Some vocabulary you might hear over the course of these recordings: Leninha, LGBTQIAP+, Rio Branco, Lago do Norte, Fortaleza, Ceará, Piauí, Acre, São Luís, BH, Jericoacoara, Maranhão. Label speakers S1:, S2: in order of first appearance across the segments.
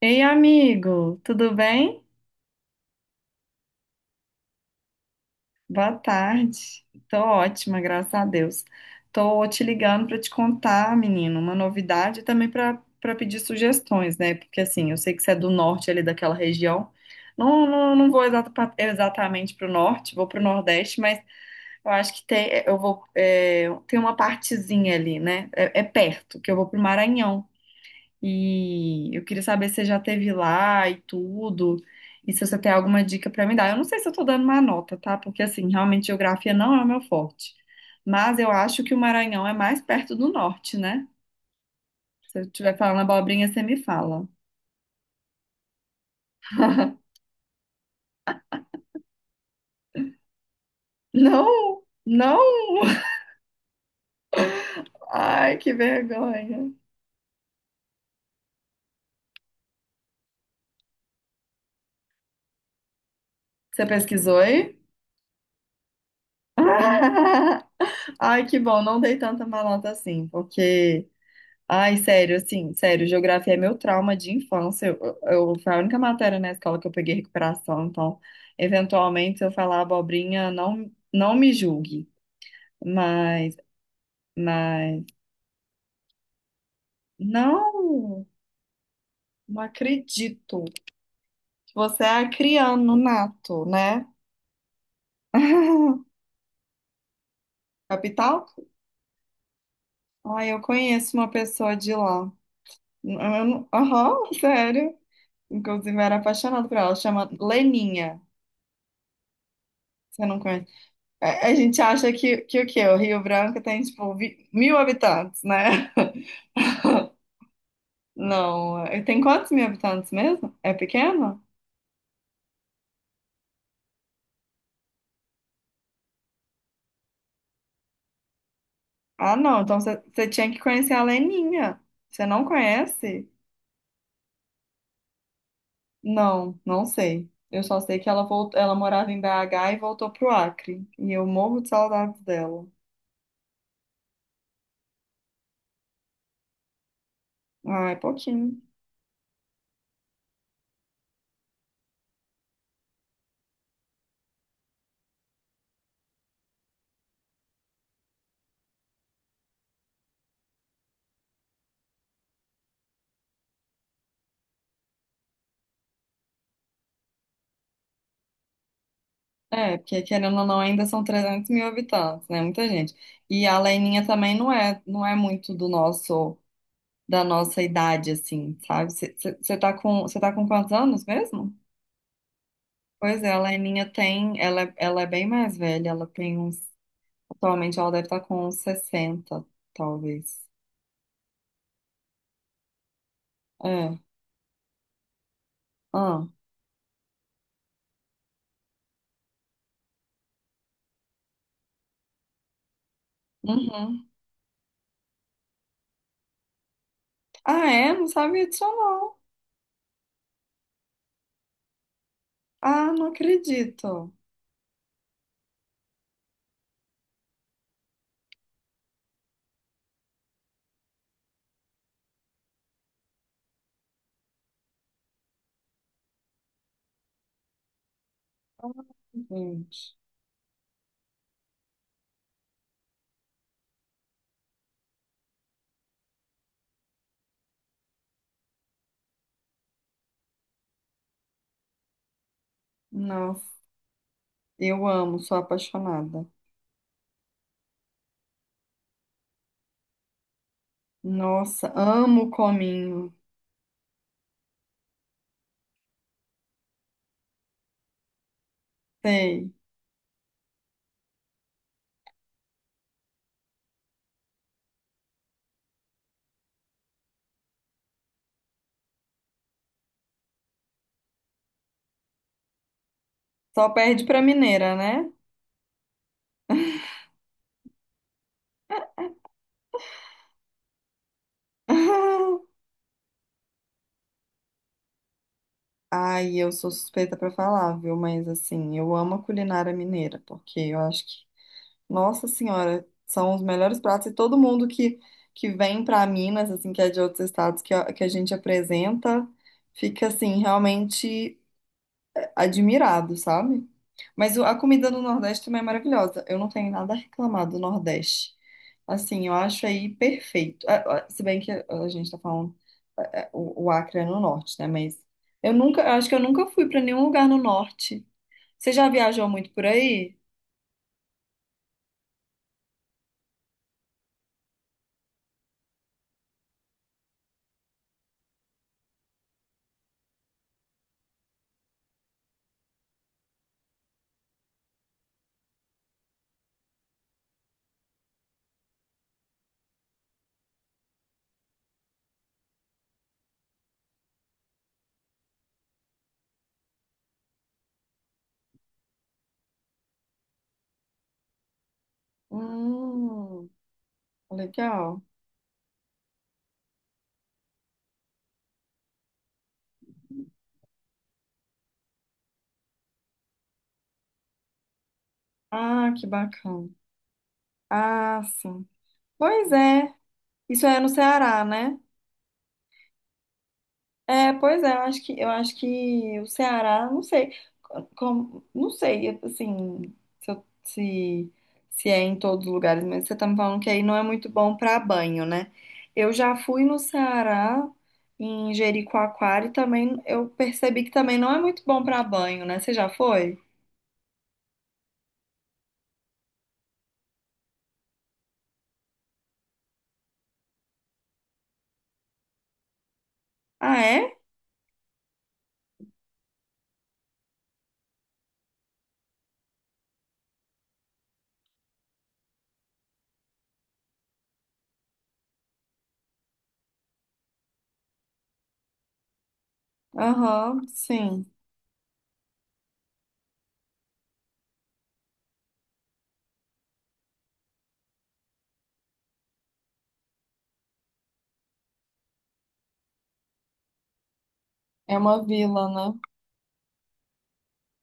S1: Ei, amigo, tudo bem? Boa tarde. Tô ótima, graças a Deus. Tô te ligando para te contar, menino, uma novidade e também para pedir sugestões, né? Porque assim, eu sei que você é do norte ali daquela região. Não, não, não vou exatamente para o norte, vou para o nordeste, mas eu acho que tem, eu vou, tem uma partezinha ali, né? É perto, que eu vou para o Maranhão. E eu queria saber se você já teve lá e tudo, e se você tem alguma dica para me dar. Eu não sei se eu tô dando uma nota, tá? Porque assim, realmente geografia não é o meu forte. Mas eu acho que o Maranhão é mais perto do norte, né? Se eu estiver falando abobrinha, você me fala. Não, não. Ai, que vergonha. Você pesquisou aí? Ai, que bom, não dei tanta malota assim, porque ai, sério, assim, sério, geografia é meu trauma de infância. Foi a única matéria na escola que eu peguei recuperação, então, eventualmente, se eu falar abobrinha, não, não me julgue. Mas, mas, não, não acredito. Você é acriano nato, né? Capital? Ai, eu conheço uma pessoa de lá. Eu não- Aham, sério. Inclusive, eu era apaixonada por ela, chama Leninha. Você não conhece? A gente acha que o quê? O Rio Branco tem, tipo, mil habitantes, né? Não, tem quantos mil habitantes mesmo? É pequeno? Ah, não, então você tinha que conhecer a Leninha. Você não conhece? Não, não sei. Eu só sei que ela, voltou, ela morava em BH e voltou pro Acre. E eu morro de saudades dela. Ah, é pouquinho. É, porque querendo ou não, ainda são 300 mil habitantes, né? Muita gente. E a Leninha também não é muito do nosso, da nossa idade, assim, sabe? Você tá com quantos anos mesmo? Pois é, a Leninha tem, ela, ela é bem mais velha, ela tem uns, atualmente ela deve estar com uns 60, talvez. É, ah, uhum. Ah, é? Não sabia disso não. Ah, não acredito. Gente, nossa, eu amo, sou apaixonada. Nossa, amo o cominho, sei. Só perde pra mineira, né? Ai, eu sou suspeita pra falar, viu? Mas assim, eu amo a culinária mineira, porque eu acho que, nossa senhora, são os melhores pratos e todo mundo que vem pra Minas, assim, que é de outros estados que, que a gente apresenta, fica assim, realmente admirado, sabe? Mas a comida do Nordeste também é maravilhosa. Eu não tenho nada a reclamar do Nordeste. Assim, eu acho aí perfeito. Se bem que a gente tá falando o Acre é no norte, né? Mas eu nunca, eu acho que eu nunca fui para nenhum lugar no norte. Você já viajou muito por aí? Hum, legal. Ah, que bacana. Ah, sim. Pois é. Isso é no Ceará, né? É, pois é, eu acho que o Ceará, não sei, como, não sei, assim, se, eu- se é em todos os lugares, mas você tá me falando que aí não é muito bom para banho, né? Eu já fui no Ceará, em Jericoacoara, e também eu percebi que também não é muito bom para banho, né? Você já foi? Ah, é? Aham, sim. É uma vila, né?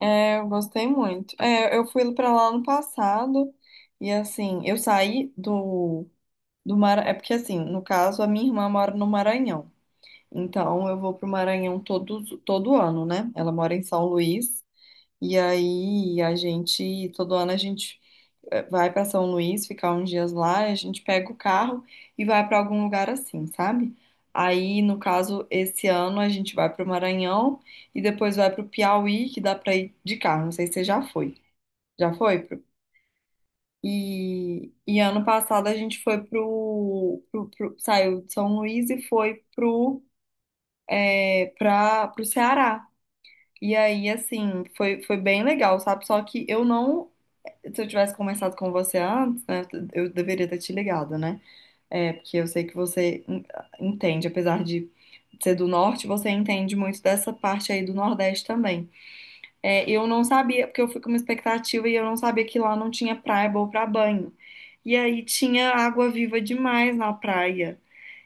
S1: É, eu gostei muito. É, eu fui pra lá no passado, e assim, eu saí do É porque, assim, no caso, a minha irmã mora no Maranhão. Então, eu vou pro Maranhão todo ano, né? Ela mora em São Luís. E aí, a gente, todo ano, a gente vai pra São Luís, ficar uns dias lá, a gente pega o carro e vai pra algum lugar assim, sabe? Aí, no caso, esse ano a gente vai pro Maranhão e depois vai pro Piauí, que dá pra ir de carro. Não sei se você já foi. Já foi? E ano passado a gente foi saiu de São Luís e foi pro Ceará. E aí, assim, foi, foi bem legal, sabe? Só que eu não. Se eu tivesse conversado com você antes, né? Eu deveria ter te ligado, né? É, porque eu sei que você entende, apesar de ser do norte, você entende muito dessa parte aí do Nordeste também. É, eu não sabia, porque eu fui com uma expectativa e eu não sabia que lá não tinha praia boa pra banho. E aí tinha água viva demais na praia.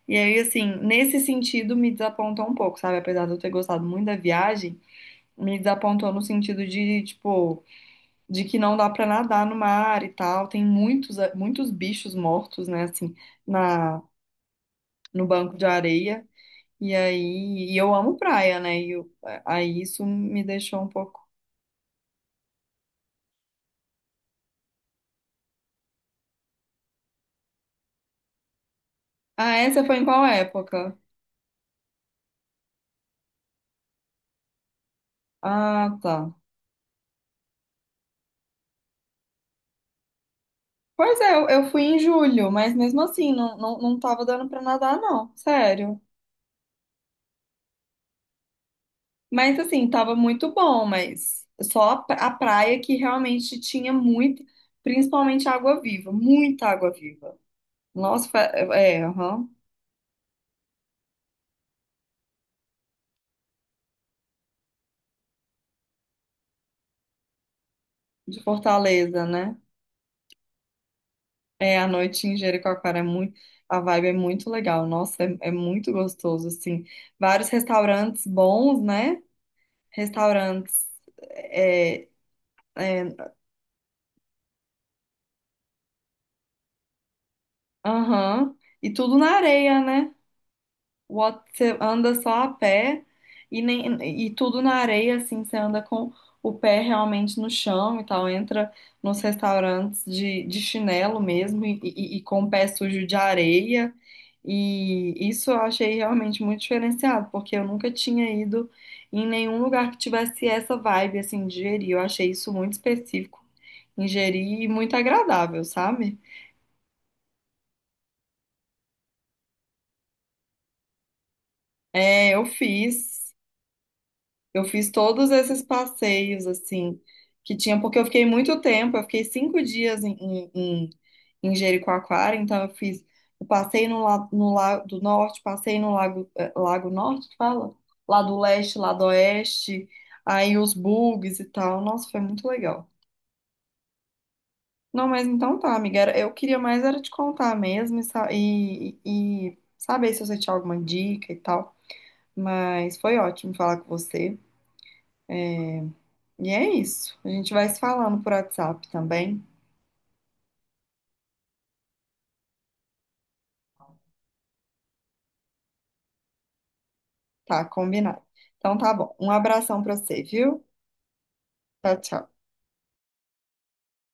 S1: E aí, assim, nesse sentido me desapontou um pouco, sabe? Apesar de eu ter gostado muito da viagem, me desapontou no sentido de, tipo, de que não dá pra nadar no mar e tal. Tem muitos, muitos bichos mortos, né, assim, na, no banco de areia. E aí, e eu amo praia, né? Aí isso me deixou um pouco. Ah, essa foi em qual época? Ah, tá. Pois é, eu fui em julho, mas mesmo assim, não, não, não tava dando pra nadar, não, sério. Mas assim, tava muito bom, mas só a a praia que realmente tinha muito, principalmente água viva, muita água viva. Nossa, fa- é, aham, de Fortaleza, né? É, a noite em Jericoacoara é muito, a vibe é muito legal, nossa, é, é muito gostoso, assim. Vários restaurantes bons, né? Restaurantes. é, é, Aham. E tudo na areia, né? Você anda só a pé e, nem, e tudo na areia, assim, você anda com o pé realmente no chão e tal. Entra nos restaurantes de chinelo mesmo e com o pé sujo de areia. E isso eu achei realmente muito diferenciado, porque eu nunca tinha ido em nenhum lugar que tivesse essa vibe, assim, de Jeri. Eu achei isso muito específico em Jeri e muito agradável, sabe? É, eu fiz. Eu fiz todos esses passeios, assim, que tinha, porque eu fiquei muito tempo, eu fiquei cinco dias em Jericoacoara, então eu fiz, eu passei no Lago do Norte, passei no Lago, Lago Norte, que fala? Lá do Leste, lá do Oeste, aí os bugs e tal, nossa, foi muito legal. Não, mas então tá, amiga, eu queria mais era te contar mesmo e saber se você tinha alguma dica e tal, mas foi ótimo falar com você. E é isso. A gente vai se falando por WhatsApp também. Tá, combinado. Então tá bom. Um abração pra você, viu? Tchau, tchau.